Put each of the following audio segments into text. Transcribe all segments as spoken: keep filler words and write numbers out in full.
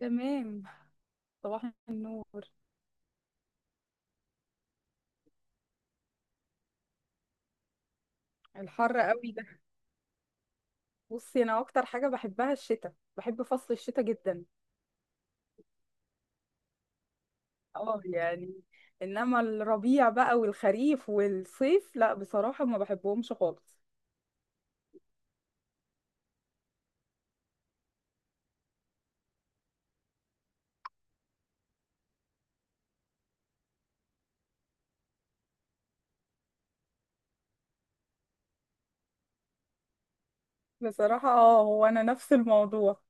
تمام. صباح النور. الحر قوي ده. بصي، انا اكتر حاجه بحبها الشتاء، بحب فصل الشتاء جدا. اه يعني، انما الربيع بقى والخريف والصيف لا، بصراحه ما بحبهمش خالص. بصراحه اه، هو انا نفس الموضوع.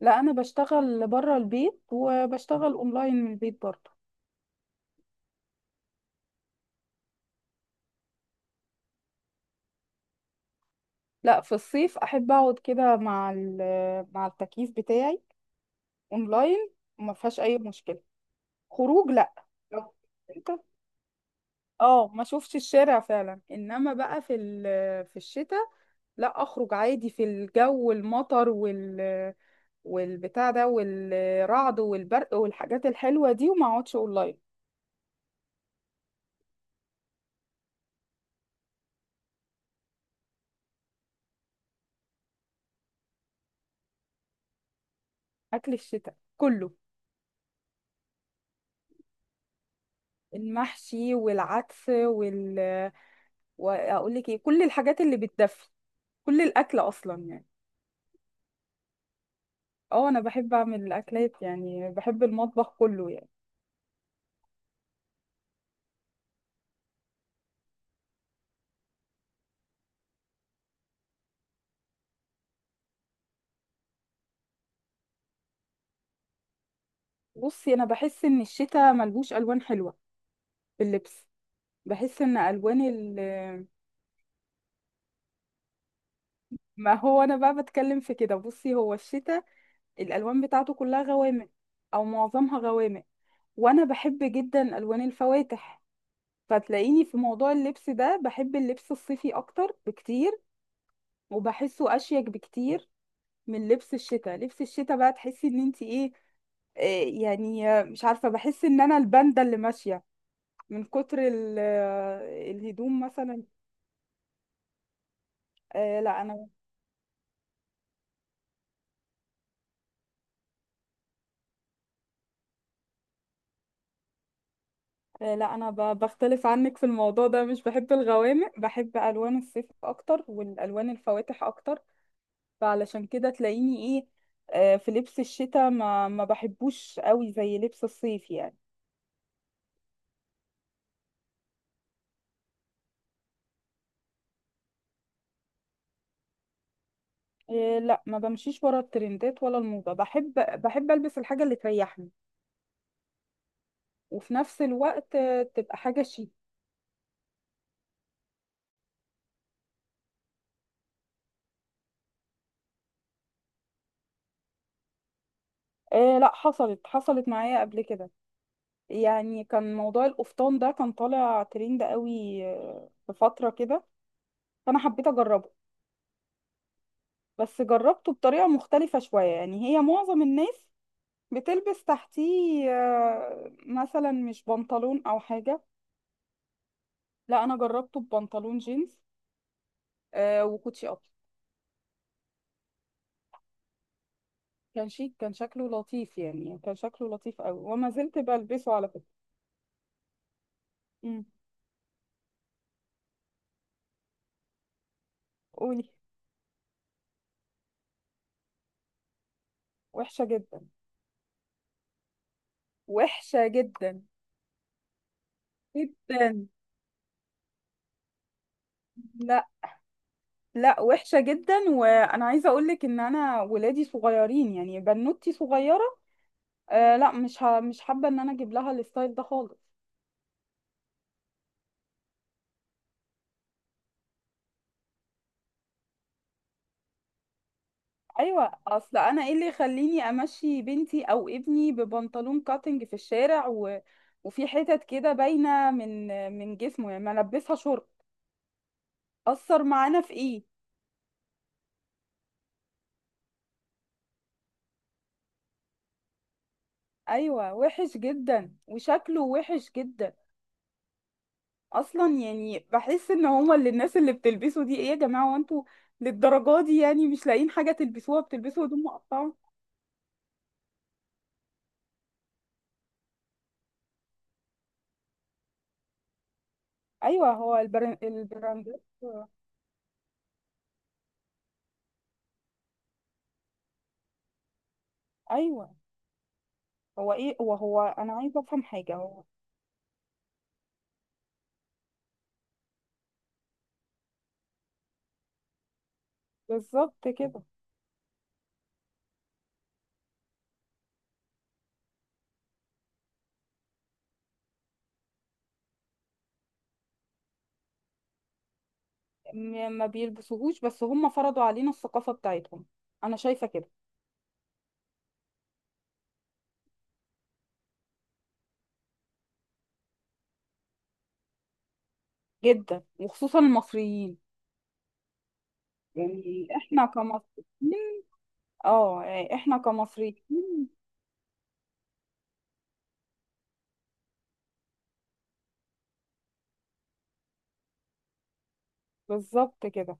لا، انا بشتغل بره البيت وبشتغل اونلاين من البيت برضه. لا، في الصيف احب اقعد كده مع ال- مع التكييف بتاعي اونلاين، وما فيهاش اي مشكله. خروج لا. لو- اه، ما شوفش الشارع فعلا. انما بقى في ال- في الشتاء، لا، اخرج عادي في الجو المطر وال والبتاع ده والرعد والبرق والحاجات الحلوة دي، وما اقعدش اونلاين. اكل الشتاء كله، المحشي والعدس وال واقول لك ايه، كل الحاجات اللي بتدفي، كل الاكل اصلا يعني. اه، انا بحب اعمل الاكلات، يعني بحب المطبخ كله يعني. بصي، انا بحس ان الشتاء ملهوش الوان حلوة في اللبس. بحس ان الوان ال ما هو انا بقى بتكلم في كده. بصي، هو الشتاء الالوان بتاعته كلها غوامق، او معظمها غوامق، وانا بحب جدا الوان الفواتح. فتلاقيني في موضوع اللبس ده بحب اللبس الصيفي اكتر بكتير، وبحسه اشيك بكتير من لبس الشتاء. لبس الشتاء بقى تحسي ان انت ايه، آه، يعني آه، مش عارفة، بحس ان انا الباندا اللي ماشية من كتر ال- آه، الهدوم مثلا. آه، لا انا آه، لا انا ب- بختلف عنك في الموضوع ده، مش بحب الغوامق، بحب الوان الصيف اكتر والالوان الفواتح اكتر. فعلشان كده تلاقيني ايه، آه، في لبس الشتاء ما ما بحبوش قوي زي لبس الصيف يعني. إيه لا، ما بمشيش ورا الترندات ولا الموضة. بحب بحب البس الحاجة اللي تريحني، وفي نفس الوقت آه، تبقى حاجة شيك. إيه لا، حصلت حصلت معايا قبل كده. يعني كان موضوع القفطان ده كان طالع ترند قوي آه، في فترة كده، فأنا حبيت أجربه. بس جربته بطريقة مختلفة شوية. يعني هي معظم الناس بتلبس تحتيه آه، مثلا مش بنطلون أو حاجة. لا، أنا جربته ببنطلون جينز آه، وكوتشي أبيض. كان شيك، كان شكله لطيف يعني، كان شكله لطيف أوي، وما زلت بلبسه على فكرة. أمم، قولي. وحشة جدا. وحشة جدا. جدا. لا. لا وحشة جدا، وأنا عايزة أقولك إن أنا ولادي صغيرين، يعني بنوتي صغيرة. آه لا، مش ه... مش حابة إن أنا أجيب لها الستايل ده خالص. ايوه، اصل انا ايه اللي يخليني امشي بنتي او ابني ببنطلون كاتنج في الشارع و... وفي حتت كده باينه من من جسمه، يعني ما البسها شورت، اثر معانا في ايه. ايوه، وحش جدا وشكله وحش جدا. اصلا يعني بحس ان هما اللي الناس اللي بتلبسوا دي، ايه يا جماعه، هو انتوا للدرجه دي يعني مش لاقيين حاجه تلبسوها، بتلبسوا هدوم مقطعه. ايوه. هو البر... البراندات ايوه. هو ايه، هو هو انا عايزه افهم حاجه. هو بالظبط كده. م- ما بيلبسوهوش، بس هم فرضوا علينا الثقافة بتاعتهم. انا شايفة كده. جدا، وخصوصا المصريين، يعني احنا كمصريين. اه يعني احنا كمصريين. بالظبط كده.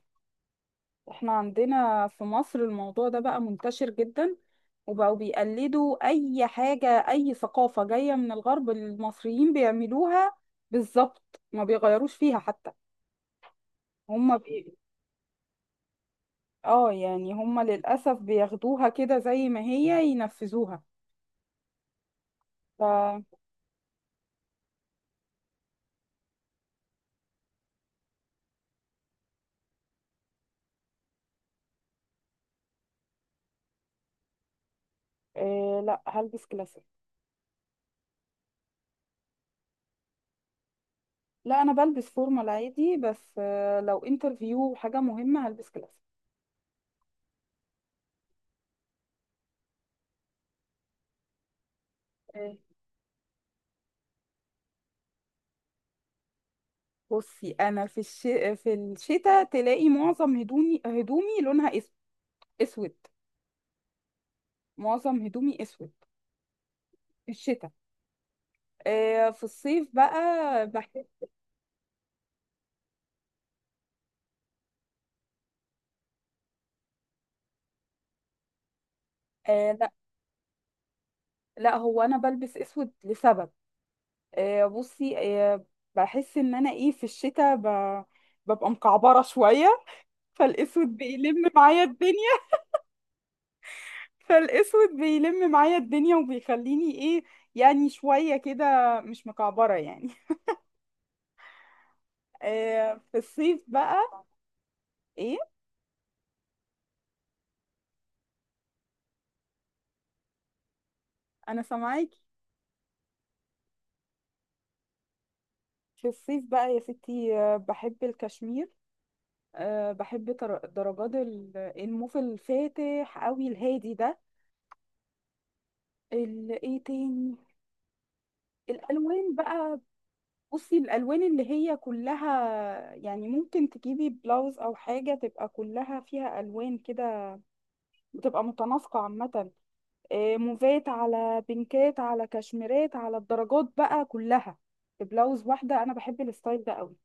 احنا عندنا في مصر الموضوع ده بقى منتشر جدا، وبقوا بيقلدوا اي حاجة، اي ثقافة جاية من الغرب المصريين بيعملوها بالظبط، ما بيغيروش فيها حتى. هم بي... اه يعني هم للأسف بياخدوها كده زي ما هي، ينفذوها. آه لا، هلبس كلاسيك. لا، انا بلبس فورمال عادي، بس آه لو انترفيو حاجه مهمه هلبس كلاسيك. مم. بصي انا في الش... في الشتاء تلاقي معظم هدومي، هدومي لونها اس... اسود. معظم هدومي اسود في الشتاء. آه في الصيف بقى بحس. آه لا، لا هو انا بلبس اسود لسبب. آه، بصي آه، بحس ان انا ايه، في الشتاء ب... ببقى مكعبره شويه، فالاسود بيلم معايا الدنيا. فالاسود بيلم معايا الدنيا وبيخليني ايه، يعني شوية كده مش مكعبرة يعني. آه في الصيف بقى. ايه، انا سامعاكي. في الصيف بقى يا ستي، آه، بحب الكشمير. أه، بحب تر- درجات ال- الموف الفاتح قوي الهادي ده. ال- ايه تاني؟ الالوان بقى، بصي الالوان اللي هي كلها، يعني ممكن تجيبي بلاوز او حاجه تبقى كلها فيها الوان كده، بتبقى متناسقه عامه، آه، موفات على بينكات على كشميرات على الدرجات بقى كلها في بلاوز واحدة. أنا بحب الستايل ده قوي.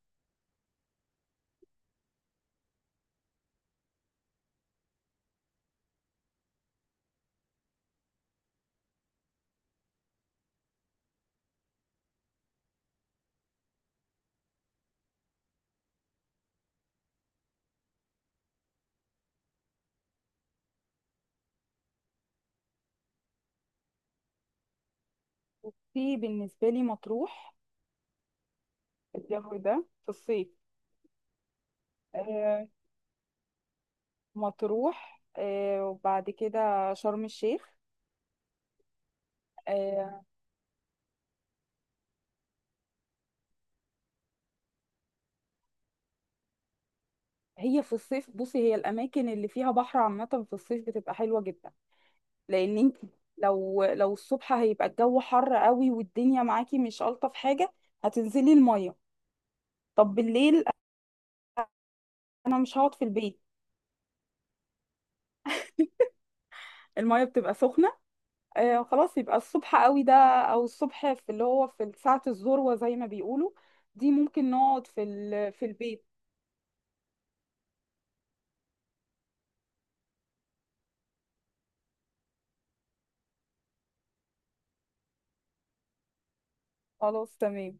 في بالنسبة لي مطروح، الجو ده في الصيف. آه، مطروح، آه، وبعد كده شرم الشيخ. آه، هي في الصيف، بصي هي الأماكن اللي فيها بحر عامة في الصيف بتبقى حلوة جدا، لأن انت لو لو الصبح هيبقى الجو حر قوي، والدنيا معاكي مش ألطف حاجة، هتنزلي المية. طب بالليل، أنا مش هقعد في البيت. المية بتبقى سخنة. آه خلاص، يبقى الصبح قوي ده، أو الصبح في اللي هو في ساعة الذروة زي ما بيقولوا، دي ممكن نقعد في ال... في البيت. خلاص تمام.